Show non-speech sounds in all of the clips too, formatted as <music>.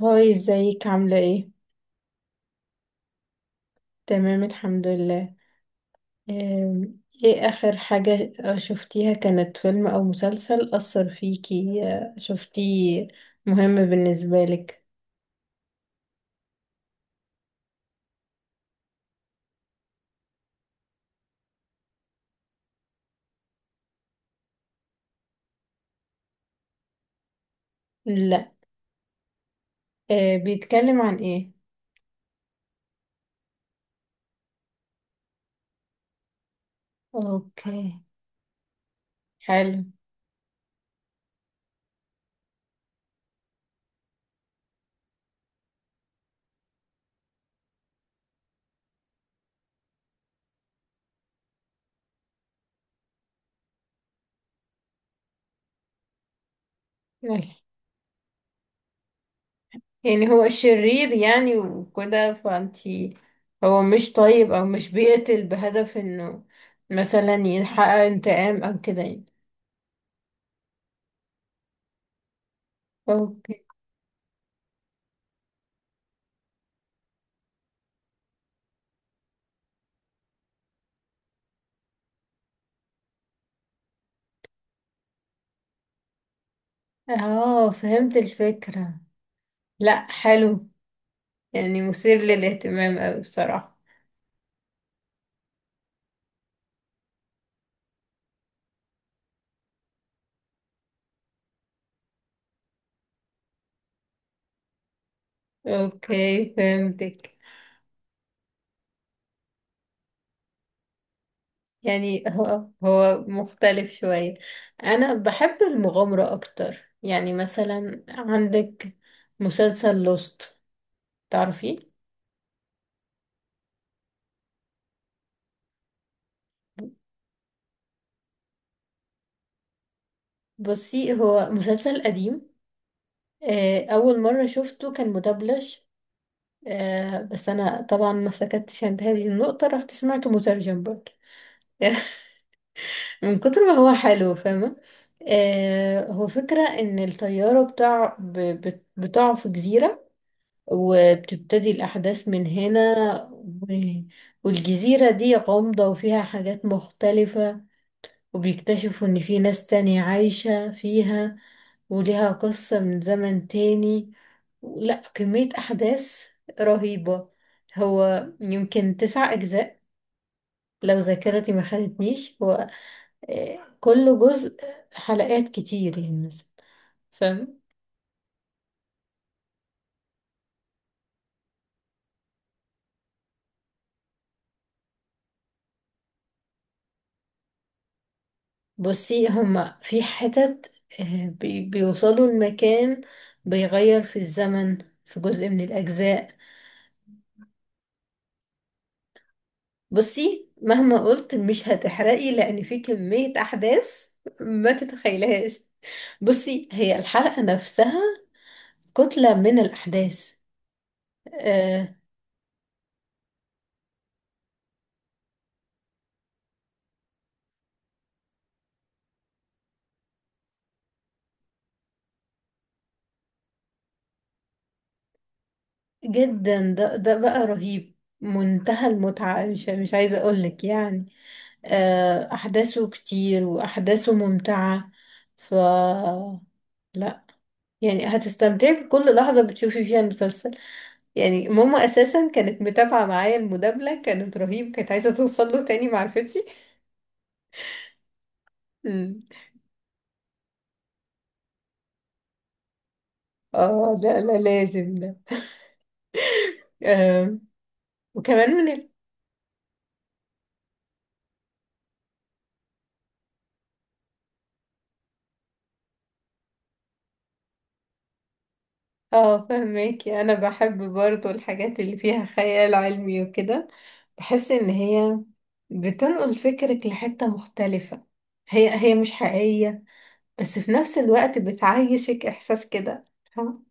هاي ازيك عاملة ايه؟ تمام الحمد لله. ايه اخر حاجة شفتيها كانت فيلم او مسلسل أثر فيكي شفتيه مهم بالنسبة لك؟ لا. بيتكلم عن ايه؟ اوكي. حلو. يلا. يعني هو شرير يعني وكده فانتي هو مش طيب او مش بيقتل بهدف انه مثلا يحقق انتقام او كده يعني. اوكي. اه، فهمت الفكرة. لا، حلو. يعني مثير للاهتمام أوي بصراحة. اوكي، فهمتك. يعني هو مختلف شوية. انا بحب المغامرة اكتر. يعني مثلا عندك مسلسل لوست، تعرفيه؟ بصي هو مسلسل قديم. اول مرة شفته كان مدبلج. بس انا طبعا ما سكتش عند هذه النقطة، رحت سمعته مترجم برضه <laughs> من كتر ما هو حلو، فاهمة. آه، هو فكرة ان الطيارة بتاع بتقع في جزيرة، وبتبتدي الأحداث من هنا. و- والجزيرة دي غامضة وفيها حاجات مختلفة، وبيكتشفوا ان في ناس تانية عايشة فيها، وليها قصة من زمن تاني. لا، كمية أحداث رهيبة. هو يمكن تسع أجزاء لو ذاكرتي ما خانتنيش. هو كل جزء حلقات كتير يعني مثلا، فاهم. بصي هما في حتت، بيوصلوا المكان، بيغير في الزمن في جزء من الأجزاء. بصي مهما قلت مش هتحرقي، لأن في كمية أحداث ما تتخيلهاش. بصي هي الحلقة نفسها كتلة من الأحداث. آه جدا، ده بقى رهيب. منتهى المتعة، مش عايزة أقولك يعني. آه، أحداثه كتير وأحداثه ممتعة. ف لا يعني هتستمتعي بكل لحظة بتشوفي فيها المسلسل. يعني ماما أساسا كانت متابعة معايا، المدابلة كانت رهيب، كانت عايزة توصل له تاني معرفتش. مم. اه لا لا، لازم ده. آه وكمان من ال... اه، فهماكي، أنا بحب برضو الحاجات اللي فيها خيال علمي وكده. بحس إن هي بتنقل فكرك لحتة مختلفة. هي مش حقيقية، بس في نفس الوقت بتعيشك إحساس كده، فاهمة؟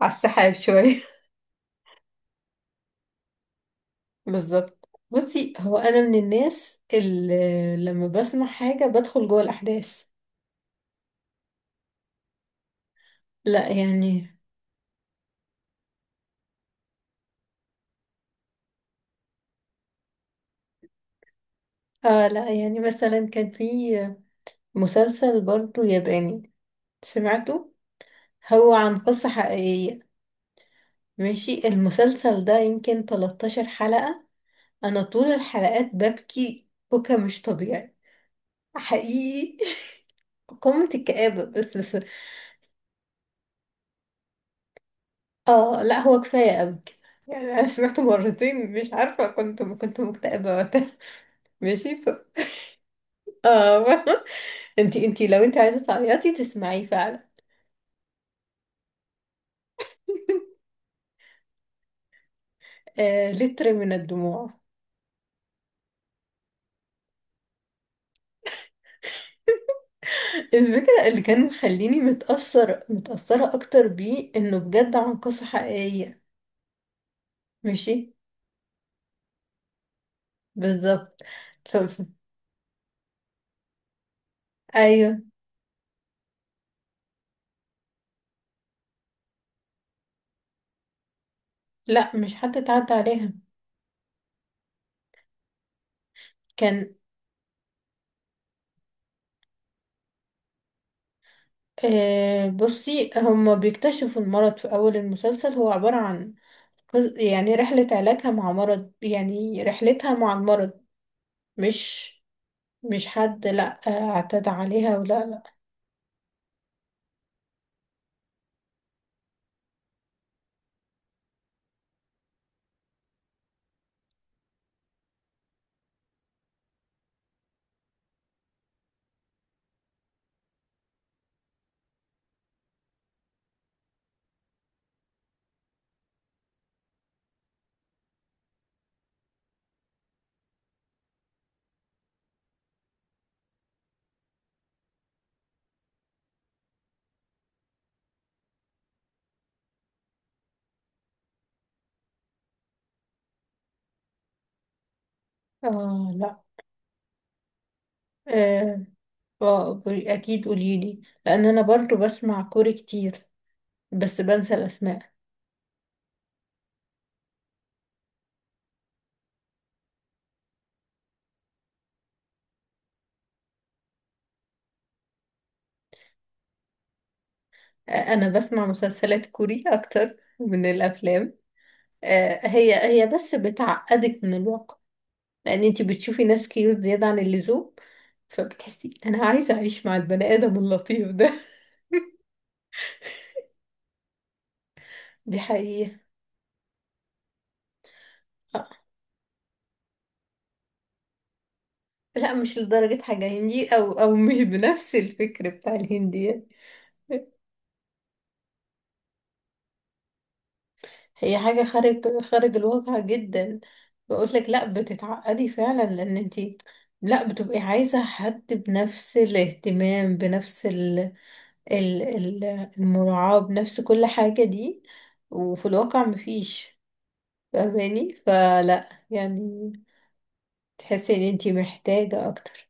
على السحاب شوية. <laughs> بالظبط. بصي هو أنا من الناس اللي لما بسمع حاجة بدخل جوه الأحداث. لا يعني. آه لا، يعني مثلا كان في مسلسل برضو ياباني سمعته، هو عن قصة حقيقية. ماشي، المسلسل ده يمكن 13 حلقة، أنا طول الحلقات ببكي بكا مش طبيعي، حقيقي. <laughs> قمة الكآبة، بس. اه لا، هو كفاية قوي كده. يعني انا سمعته مرتين، مش عارفة، كنت مكتئبة وقتها <laughs> ماشي ف... اه. <laughs> انتي لو انتي عايزة تعيطي تسمعيه فعلا. آه، لتر من الدموع. الفكرة اللي كان مخليني متأثرة أكتر بيه إنه بجد عن قصة حقيقية. ماشي، بالظبط. ف... ف... أيوه. لا، مش حد اتعدى عليها. كان آه، بصي هما بيكتشفوا المرض في أول المسلسل، هو عبارة عن يعني رحلة علاجها مع مرض، يعني رحلتها مع المرض. مش مش حد، لا آه، اعتدى عليها ولا لا. اه لا. آه. آه، اكيد قوليلي، لان انا برضو بسمع كوري كتير بس بنسى الاسماء. آه، انا بسمع مسلسلات كوري اكتر من الافلام. آه، هي بس بتعقدك من الواقع، لان انتي بتشوفي ناس كيوت زيادة عن اللزوم، فبتحسي انا عايزة اعيش مع البني ادم اللطيف ده. <laughs> دي حقيقة. لا، مش لدرجة حاجة هندي، أو مش بنفس الفكر بتاع الهندي يعني. هي حاجة خارج الواقع جدا. بقول لك، لا بتتعقدي فعلا، لأن انتي لا، بتبقي عايزة حد بنفس الاهتمام، بنفس ال المراعاة، بنفس كل حاجة دي، وفي الواقع مفيش، فاهماني؟ فلا يعني تحسي ان انتي محتاجة أكتر.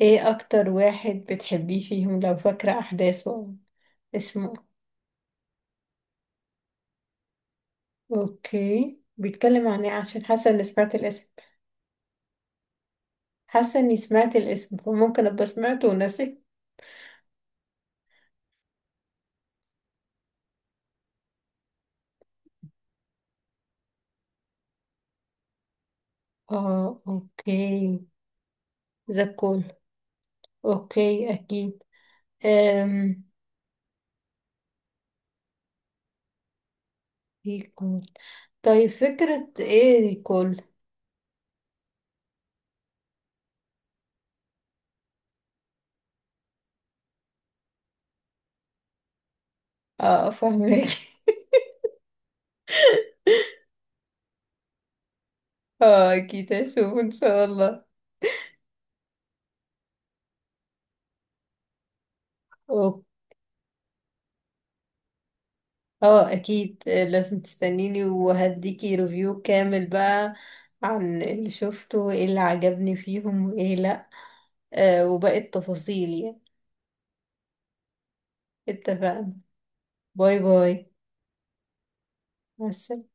ايه أكتر واحد بتحبيه فيهم لو فاكرة أحداثه، اسمه؟ اوكي، بيتكلم عن ايه؟ عشان حاسه اني سمعت الاسم. حاسه اني سمعت الاسم، فممكن ابقى سمعته وناسي. اه اوكي. زكول. اوكي اكيد. أم. ريكول. طيب فكرة ايه ريكول؟ اه، فاهمك. <laughs> اه اكيد هشوف ان شاء الله. أوك- اه اكيد، لازم تستنيني وهديكي ريفيو كامل بقى عن اللي شفته، وايه اللي عجبني فيهم وايه لا، آه وباقي التفاصيل يعني. اتفقنا. باي باي. مع السلامة.